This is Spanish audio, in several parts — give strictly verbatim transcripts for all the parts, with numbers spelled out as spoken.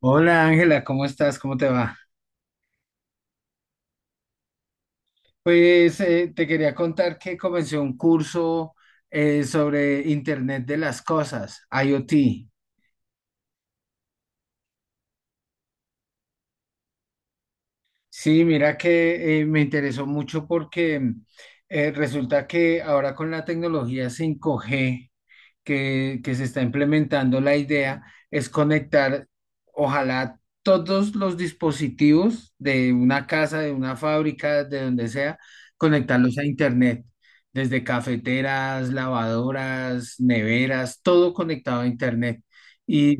Hola Ángela, ¿cómo estás? ¿Cómo te va? Pues eh, te quería contar que comencé un curso eh, sobre Internet de las Cosas, i o te. Sí, mira que eh, me interesó mucho porque eh, resulta que ahora con la tecnología cinco G, que, que se está implementando. La idea es conectar, ojalá, todos los dispositivos de una casa, de una fábrica, de donde sea, conectarlos a Internet, desde cafeteras, lavadoras, neveras, todo conectado a Internet. Y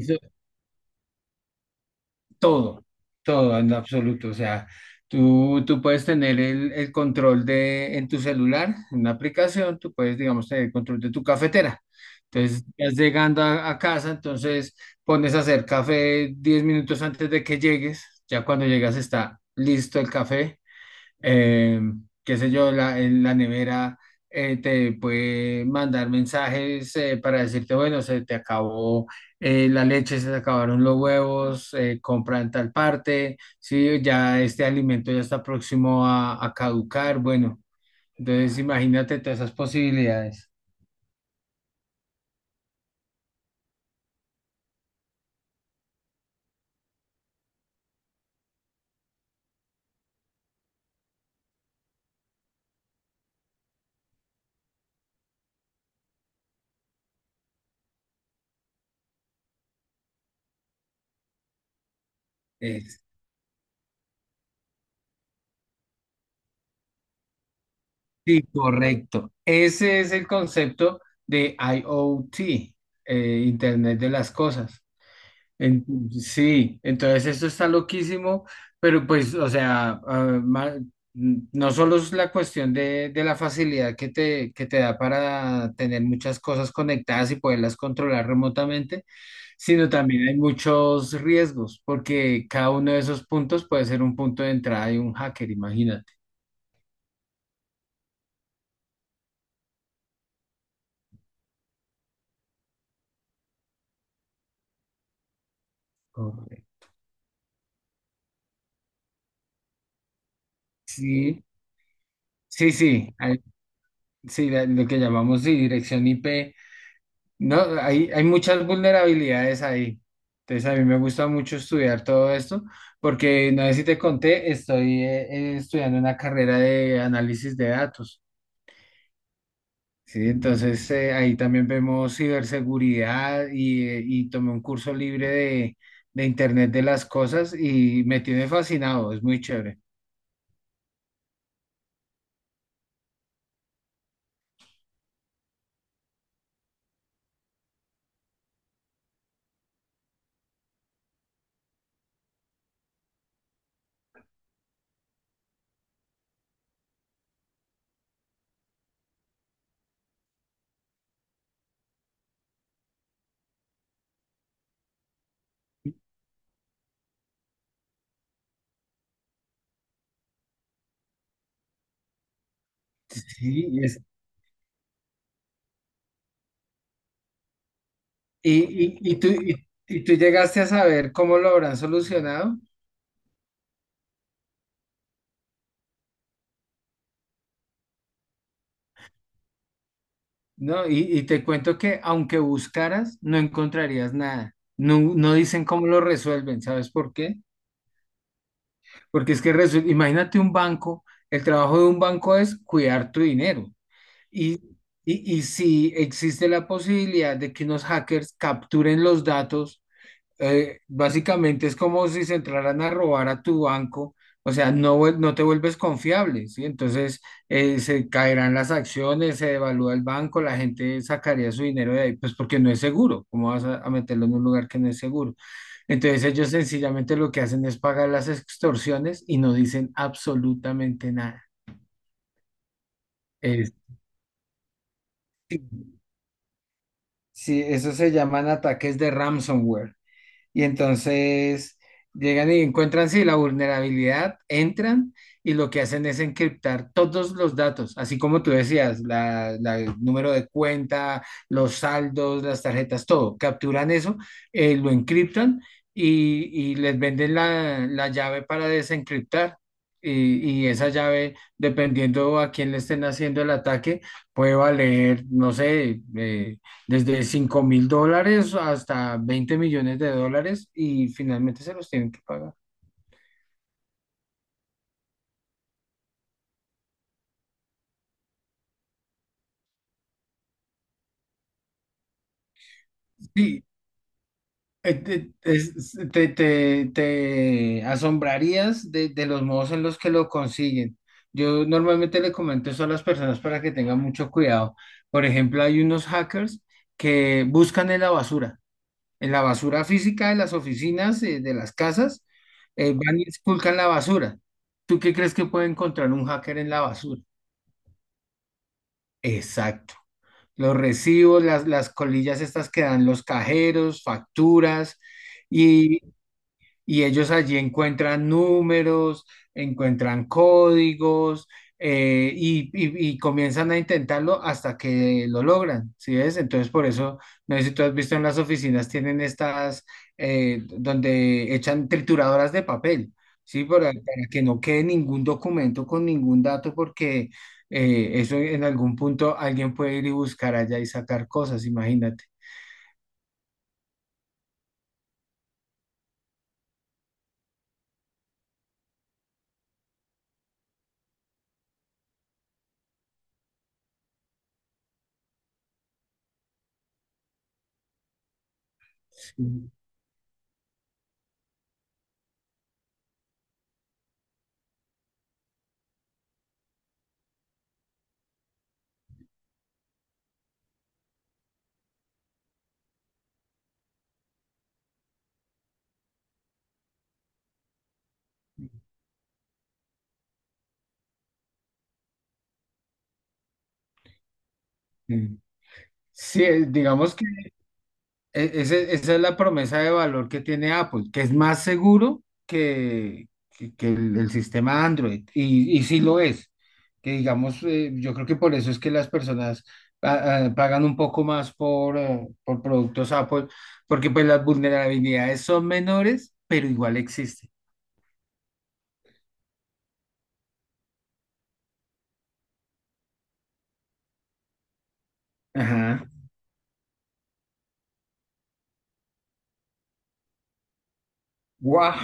todo, todo en absoluto. O sea, tú, tú puedes tener el, el control de en tu celular, en una aplicación, tú puedes, digamos, tener el control de tu cafetera. Entonces, estás llegando a, a casa, entonces pones a hacer café diez minutos antes de que llegues. Ya cuando llegas está listo el café. Eh, qué sé yo, la, en la nevera, eh, te puede mandar mensajes eh, para decirte, bueno, se te acabó, eh, la leche, se te acabaron los huevos, eh, compra en tal parte, sí, ya este alimento ya está próximo a, a caducar, bueno, entonces imagínate todas esas posibilidades. Es- sí, correcto. Ese es el concepto de i o te, eh, Internet de las Cosas. En- sí, entonces esto está loquísimo, pero pues, o sea, ah, ma- no solo es la cuestión de, de la facilidad que te, que te da para tener muchas cosas conectadas y poderlas controlar remotamente, sino también hay muchos riesgos, porque cada uno de esos puntos puede ser un punto de entrada de un hacker, imagínate. Correcto. Sí, sí, sí, hay- sí, la- lo que llamamos, sí, dirección I P. No, hay, hay muchas vulnerabilidades ahí. Entonces, a mí me gusta mucho estudiar todo esto, porque no sé si te conté, estoy eh, eh, estudiando una carrera de análisis de datos. Sí, entonces eh, ahí también vemos ciberseguridad y, eh, y tomé un curso libre de, de Internet de las Cosas y me tiene fascinado, es muy chévere. Sí, y, es- y, y- y tú, y y tú llegaste a saber cómo lo habrán solucionado. No, y, y te cuento que aunque buscaras, no encontrarías nada. No, no dicen cómo lo resuelven, ¿sabes por qué? Porque es que resuel- imagínate un banco, el trabajo de un banco es cuidar tu dinero. Y, y, y si existe la posibilidad de que unos hackers capturen los datos, eh, básicamente es como si se entraran a robar a tu banco, o sea, no, vuel- no te vuelves confiable, ¿sí? Entonces eh, se caerán las acciones, se devalúa el banco, la gente sacaría su dinero de ahí, pues porque no es seguro. ¿Cómo vas a, a meterlo en un lugar que no es seguro? Entonces ellos sencillamente lo que hacen es pagar las extorsiones y no dicen absolutamente nada. Es- sí, eso se llaman ataques de ransomware. Y entonces llegan y encuentran, sí, la vulnerabilidad, entran y lo que hacen es encriptar todos los datos, así como tú decías, la, la- el número de cuenta, los saldos, las tarjetas, todo. Capturan eso, eh, lo encriptan y, y les venden la, la llave para desencriptar. Y, y esa llave, dependiendo a quién le estén haciendo el ataque, puede valer, no sé, eh, desde cinco mil dólares hasta veinte millones de dólares, y finalmente se los tienen que pagar. Sí, eh, te, es- te- te- te asombrarías de, de los modos en los que lo consiguen. Yo normalmente le comento eso a las personas para que tengan mucho cuidado. Por ejemplo, hay unos hackers que buscan en la basura, en la basura física de las oficinas, eh, de las casas, eh, van y esculcan la basura. ¿Tú qué crees que puede encontrar un hacker en la basura? Exacto. Los recibos, las, las colillas estas que dan los cajeros, facturas, y, y ellos allí encuentran números, encuentran códigos, eh, y, y- y comienzan a intentarlo hasta que lo logran, ¿sí ves? Entonces, por eso, no sé si tú has visto en las oficinas, tienen estas, eh, donde echan trituradoras de papel, ¿sí? Para, para que no quede ningún documento con ningún dato, porque eh, eso en algún punto alguien puede ir y buscar allá y sacar cosas, imagínate. Sí. Mm. Sí, es- digamos, E- ese- esa es la promesa de valor que tiene Apple, que es más seguro que, que, que el, el sistema Android, y, y sí lo es, que digamos, eh, yo creo que por eso es que las personas pa- ah, pagan un poco más por, eh, por productos Apple, porque pues las vulnerabilidades son menores, pero igual existen. Ajá. ¡Guau!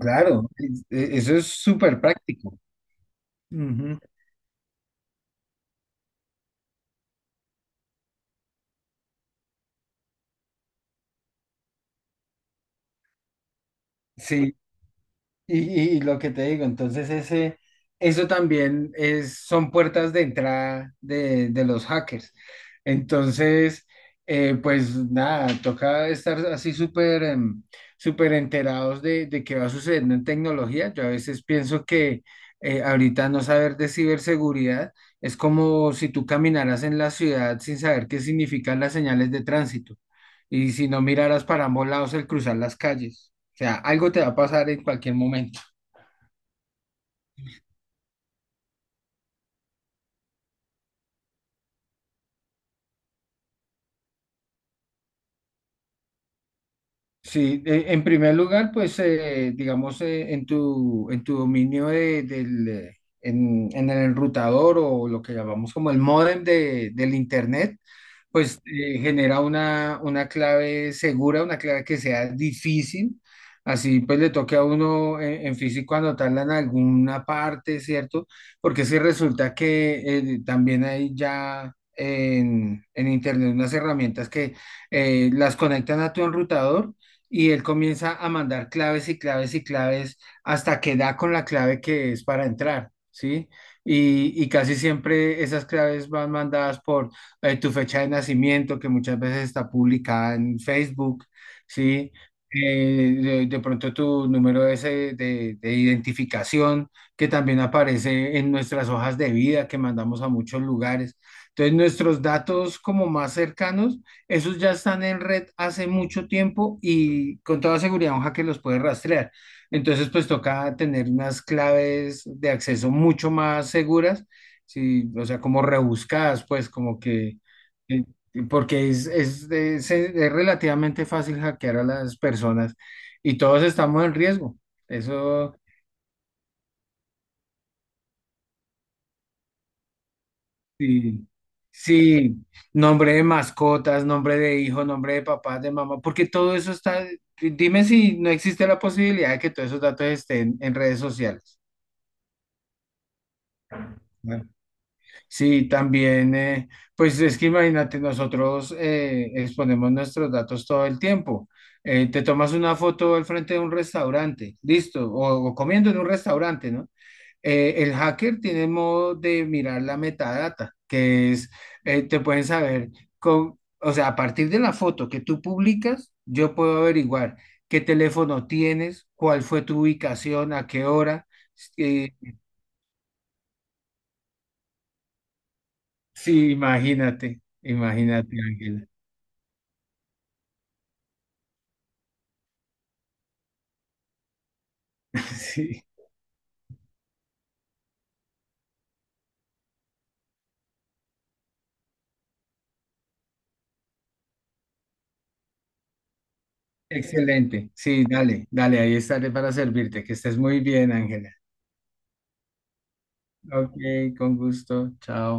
Claro, e- e- eso es súper práctico. Ujú. Sí. Y, y- y lo que te digo, entonces ese, eso también es, son puertas de entrada de, de los hackers. Entonces, eh, pues nada, toca estar así súper, em, súper enterados de, de qué va sucediendo en tecnología. Yo a veces pienso que eh, ahorita no saber de ciberseguridad es como si tú caminaras en la ciudad sin saber qué significan las señales de tránsito y si no miraras para ambos lados al cruzar las calles, sea, algo te va a pasar en cualquier momento. Sí, eh, en primer lugar, pues eh, digamos, eh, en tu, en tu dominio de- del, eh, en, en el enrutador, o lo que llamamos como el módem de, del internet, pues eh, genera una, una clave segura, una clave que sea difícil, así pues le toque a uno, eh, en físico anotarla en alguna parte, ¿cierto? Porque si resulta que eh, también hay ya en, en internet unas herramientas que eh, las conectan a tu enrutador, y él comienza a mandar claves y claves y claves hasta que da con la clave que es para entrar, ¿sí? Y, y casi siempre esas claves van mandadas por eh, tu fecha de nacimiento, que muchas veces está publicada en Facebook, ¿sí? Eh, de, de pronto tu número ese de, de identificación, que también aparece en nuestras hojas de vida que mandamos a muchos lugares. Entonces, nuestros datos como más cercanos, esos ya están en red hace mucho tiempo, y con toda seguridad un hacker los puede rastrear. Entonces, pues toca tener unas claves de acceso mucho más seguras, sí, o sea, como rebuscadas, pues como que, eh, porque es, es, es- es relativamente fácil hackear a las personas y todos estamos en riesgo. Eso. Sí, sí, nombre de mascotas, nombre de hijo, nombre de papá, de mamá, porque todo eso está, dime si no existe la posibilidad de que todos esos datos estén en redes sociales. Bueno. Sí, también, eh, pues es que imagínate, nosotros eh, exponemos nuestros datos todo el tiempo. Eh, te tomas una foto al frente de un restaurante, listo, o, o comiendo en un restaurante, ¿no? Eh, el hacker tiene modo de mirar la metadata, que es, eh, te pueden saber, con, o sea, a partir de la foto que tú publicas, yo puedo averiguar qué teléfono tienes, cuál fue tu ubicación, a qué hora. eh, sí, imagínate, imagínate, Ángela. Sí, excelente. Sí, dale, dale, ahí estaré para servirte. Que estés muy bien, Ángela. Ok, con gusto. Chao.